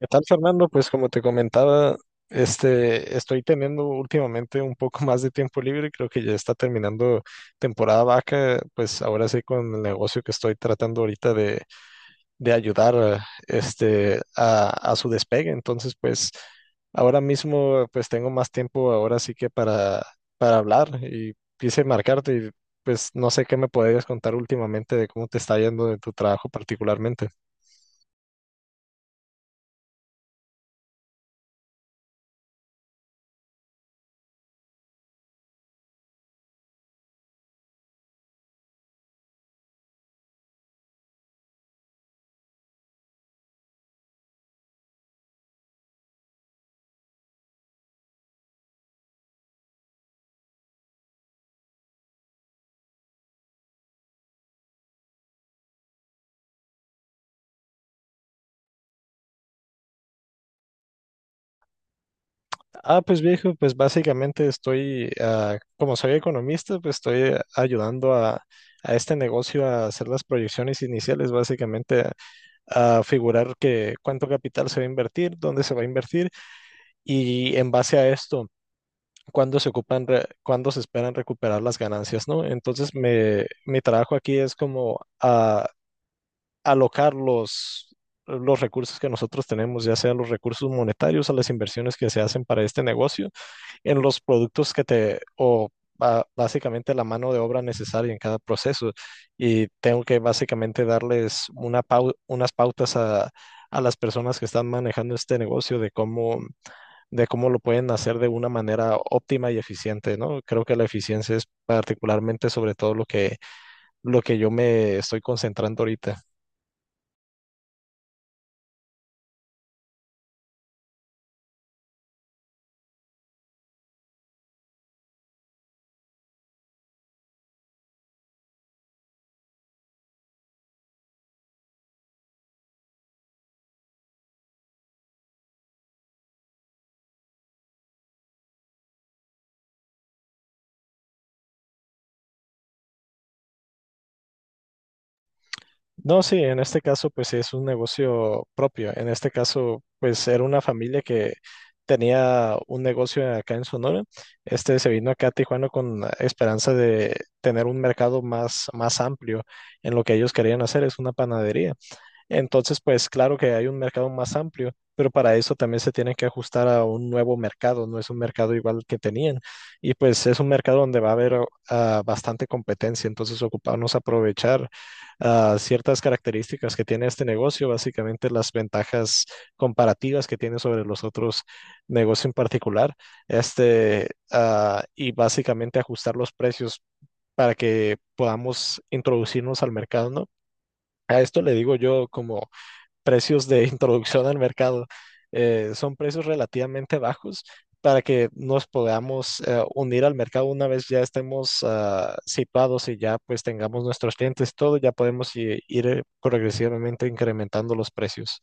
¿Qué tal, Fernando? Pues como te comentaba, estoy teniendo últimamente un poco más de tiempo libre. Creo que ya está terminando temporada vaca. Pues ahora sí con el negocio que estoy tratando ahorita de ayudar a, a su despegue. Entonces, pues ahora mismo pues tengo más tiempo ahora sí que para hablar y quise marcarte y pues no sé qué me podrías contar últimamente de cómo te está yendo en tu trabajo particularmente. Ah, pues viejo, pues básicamente como soy economista, pues estoy ayudando a este negocio a hacer las proyecciones iniciales, básicamente a figurar que cuánto capital se va a invertir, dónde se va a invertir y en base a esto, cuándo se esperan recuperar las ganancias, ¿no? Entonces, mi trabajo aquí es como a, alocar los recursos que nosotros tenemos, ya sean los recursos monetarios a las inversiones que se hacen para este negocio en los productos que te, o básicamente la mano de obra necesaria en cada proceso. Y tengo que básicamente darles unas pautas a las personas que están manejando este negocio de de cómo lo pueden hacer de una manera óptima y eficiente, ¿no? Creo que la eficiencia es particularmente sobre todo lo que yo me estoy concentrando ahorita. No, sí, en este caso pues sí es un negocio propio. En este caso pues era una familia que tenía un negocio acá en Sonora. Este se vino acá a Tijuana con la esperanza de tener un mercado más amplio en lo que ellos querían hacer, es una panadería. Entonces, pues claro que hay un mercado más amplio, pero para eso también se tienen que ajustar a un nuevo mercado, no es un mercado igual que tenían. Y pues es un mercado donde va a haber bastante competencia, entonces ocuparnos aprovechar ciertas características que tiene este negocio, básicamente las ventajas comparativas que tiene sobre los otros negocios en particular, y básicamente ajustar los precios para que podamos introducirnos al mercado, ¿no? A esto le digo yo como precios de introducción al mercado. Son precios relativamente bajos para que nos podamos unir al mercado una vez ya estemos situados y ya pues tengamos nuestros clientes, todo ya podemos ir progresivamente incrementando los precios.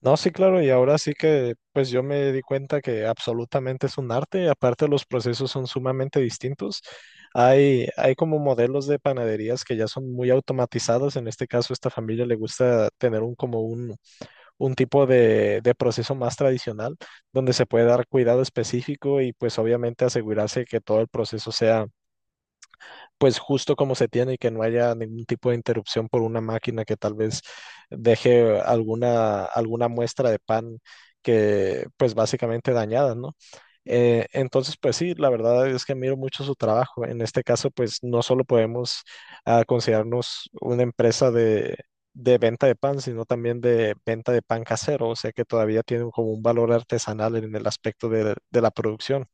No, sí, claro, y ahora sí que pues yo me di cuenta que absolutamente es un arte, aparte los procesos son sumamente distintos. Hay como modelos de panaderías que ya son muy automatizados. En este caso, esta familia le gusta tener un como un, tipo de proceso más tradicional donde se puede dar cuidado específico y pues obviamente asegurarse que todo el proceso sea pues justo como se tiene y que no haya ningún tipo de interrupción por una máquina que tal vez deje alguna muestra de pan que pues básicamente dañada, ¿no? Entonces, pues sí, la verdad es que miro mucho su trabajo. En este caso, pues no solo podemos considerarnos una empresa de venta de pan, sino también de venta de pan casero, o sea que todavía tiene como un valor artesanal en el aspecto de la producción.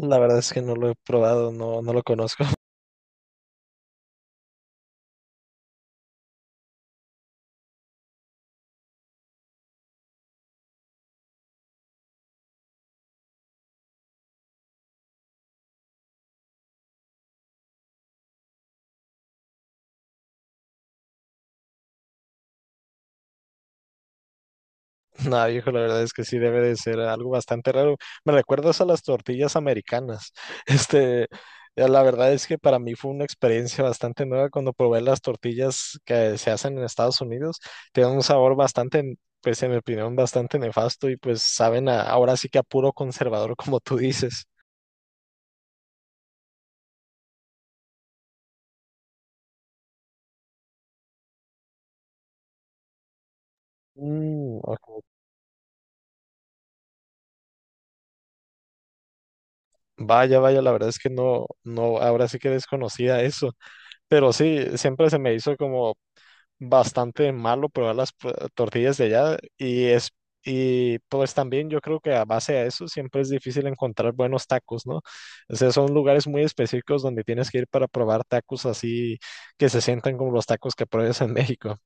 La verdad es que no lo he probado, no, no lo conozco. No, viejo, la verdad es que sí debe de ser algo bastante raro. Me recuerdas a las tortillas americanas. La verdad es que para mí fue una experiencia bastante nueva cuando probé las tortillas que se hacen en Estados Unidos. Tienen un sabor bastante, pues en mi opinión, bastante nefasto y pues saben ahora sí que a puro conservador, como tú dices. Mm, ok. Vaya, vaya, la verdad es que no, no, ahora sí que desconocía eso, pero sí, siempre se me hizo como bastante malo probar las tortillas de allá y es y pues también yo creo que a base de eso siempre es difícil encontrar buenos tacos, ¿no? O sea, son lugares muy específicos donde tienes que ir para probar tacos así que se sientan como los tacos que pruebas en México.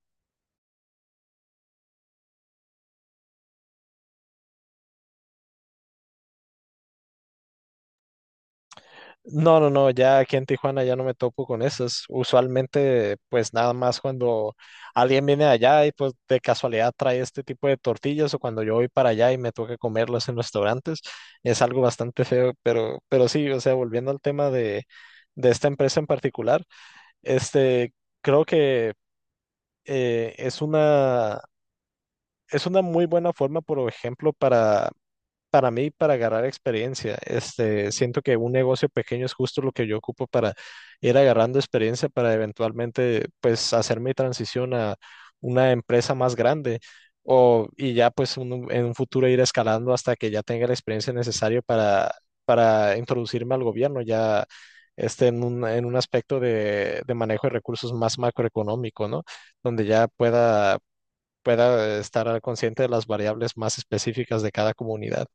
No, no, no, ya aquí en Tijuana ya no me topo con esas. Usualmente, pues nada más cuando alguien viene allá y pues de casualidad trae este tipo de tortillas o cuando yo voy para allá y me toca comerlas en restaurantes, es algo bastante feo, pero sí, o sea, volviendo al tema de esta empresa en particular, este, creo que eh, es una, es una muy buena forma, por ejemplo, para mí, para agarrar experiencia, este, siento que un negocio pequeño es justo lo que yo ocupo para ir agarrando experiencia para eventualmente, pues, hacer mi transición a una empresa más grande y ya, pues, en un futuro ir escalando hasta que ya tenga la experiencia necesaria para introducirme al gobierno, ya, en un aspecto de manejo de recursos más macroeconómico, ¿no? Donde pueda estar consciente de las variables más específicas de cada comunidad.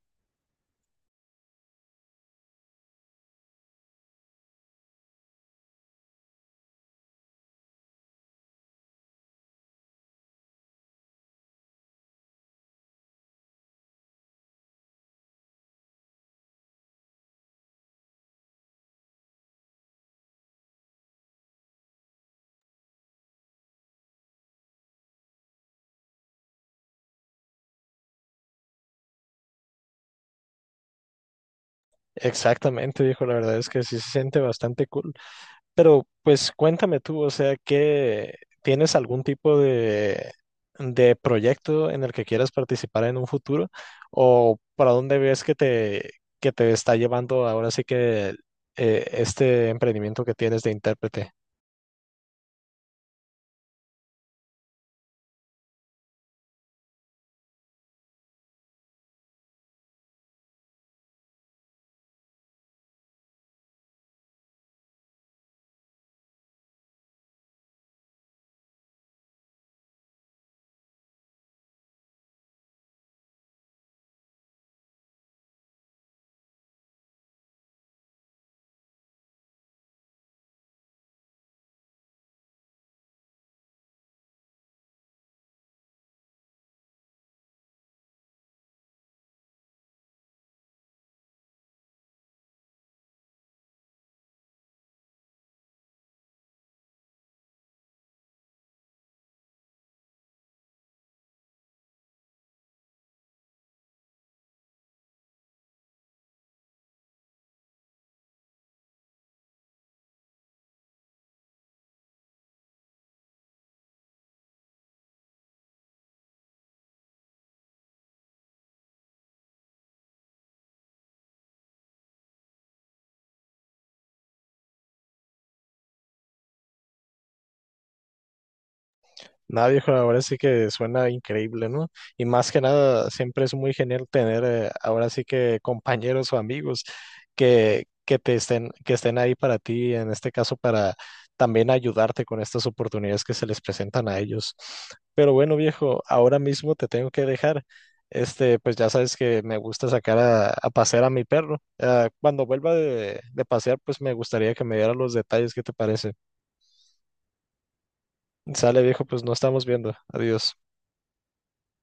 Exactamente, dijo, la verdad es que sí se siente bastante cool. Pero pues cuéntame tú, o sea, ¿qué tienes algún tipo de proyecto en el que quieras participar en un futuro? ¿O para dónde ves que que te está llevando ahora sí que este emprendimiento que tienes de intérprete? Nada, viejo, ahora sí que suena increíble, ¿no? Y más que nada, siempre es muy genial tener ahora sí que compañeros o amigos que te estén, que estén ahí para ti, en este caso para también ayudarte con estas oportunidades que se les presentan a ellos. Pero bueno, viejo, ahora mismo te tengo que dejar. Este, pues ya sabes que me gusta sacar a pasear a mi perro. Ah, cuando vuelva de pasear, pues me gustaría que me diera los detalles, ¿qué te parece? Sale, viejo, pues nos estamos viendo. Adiós.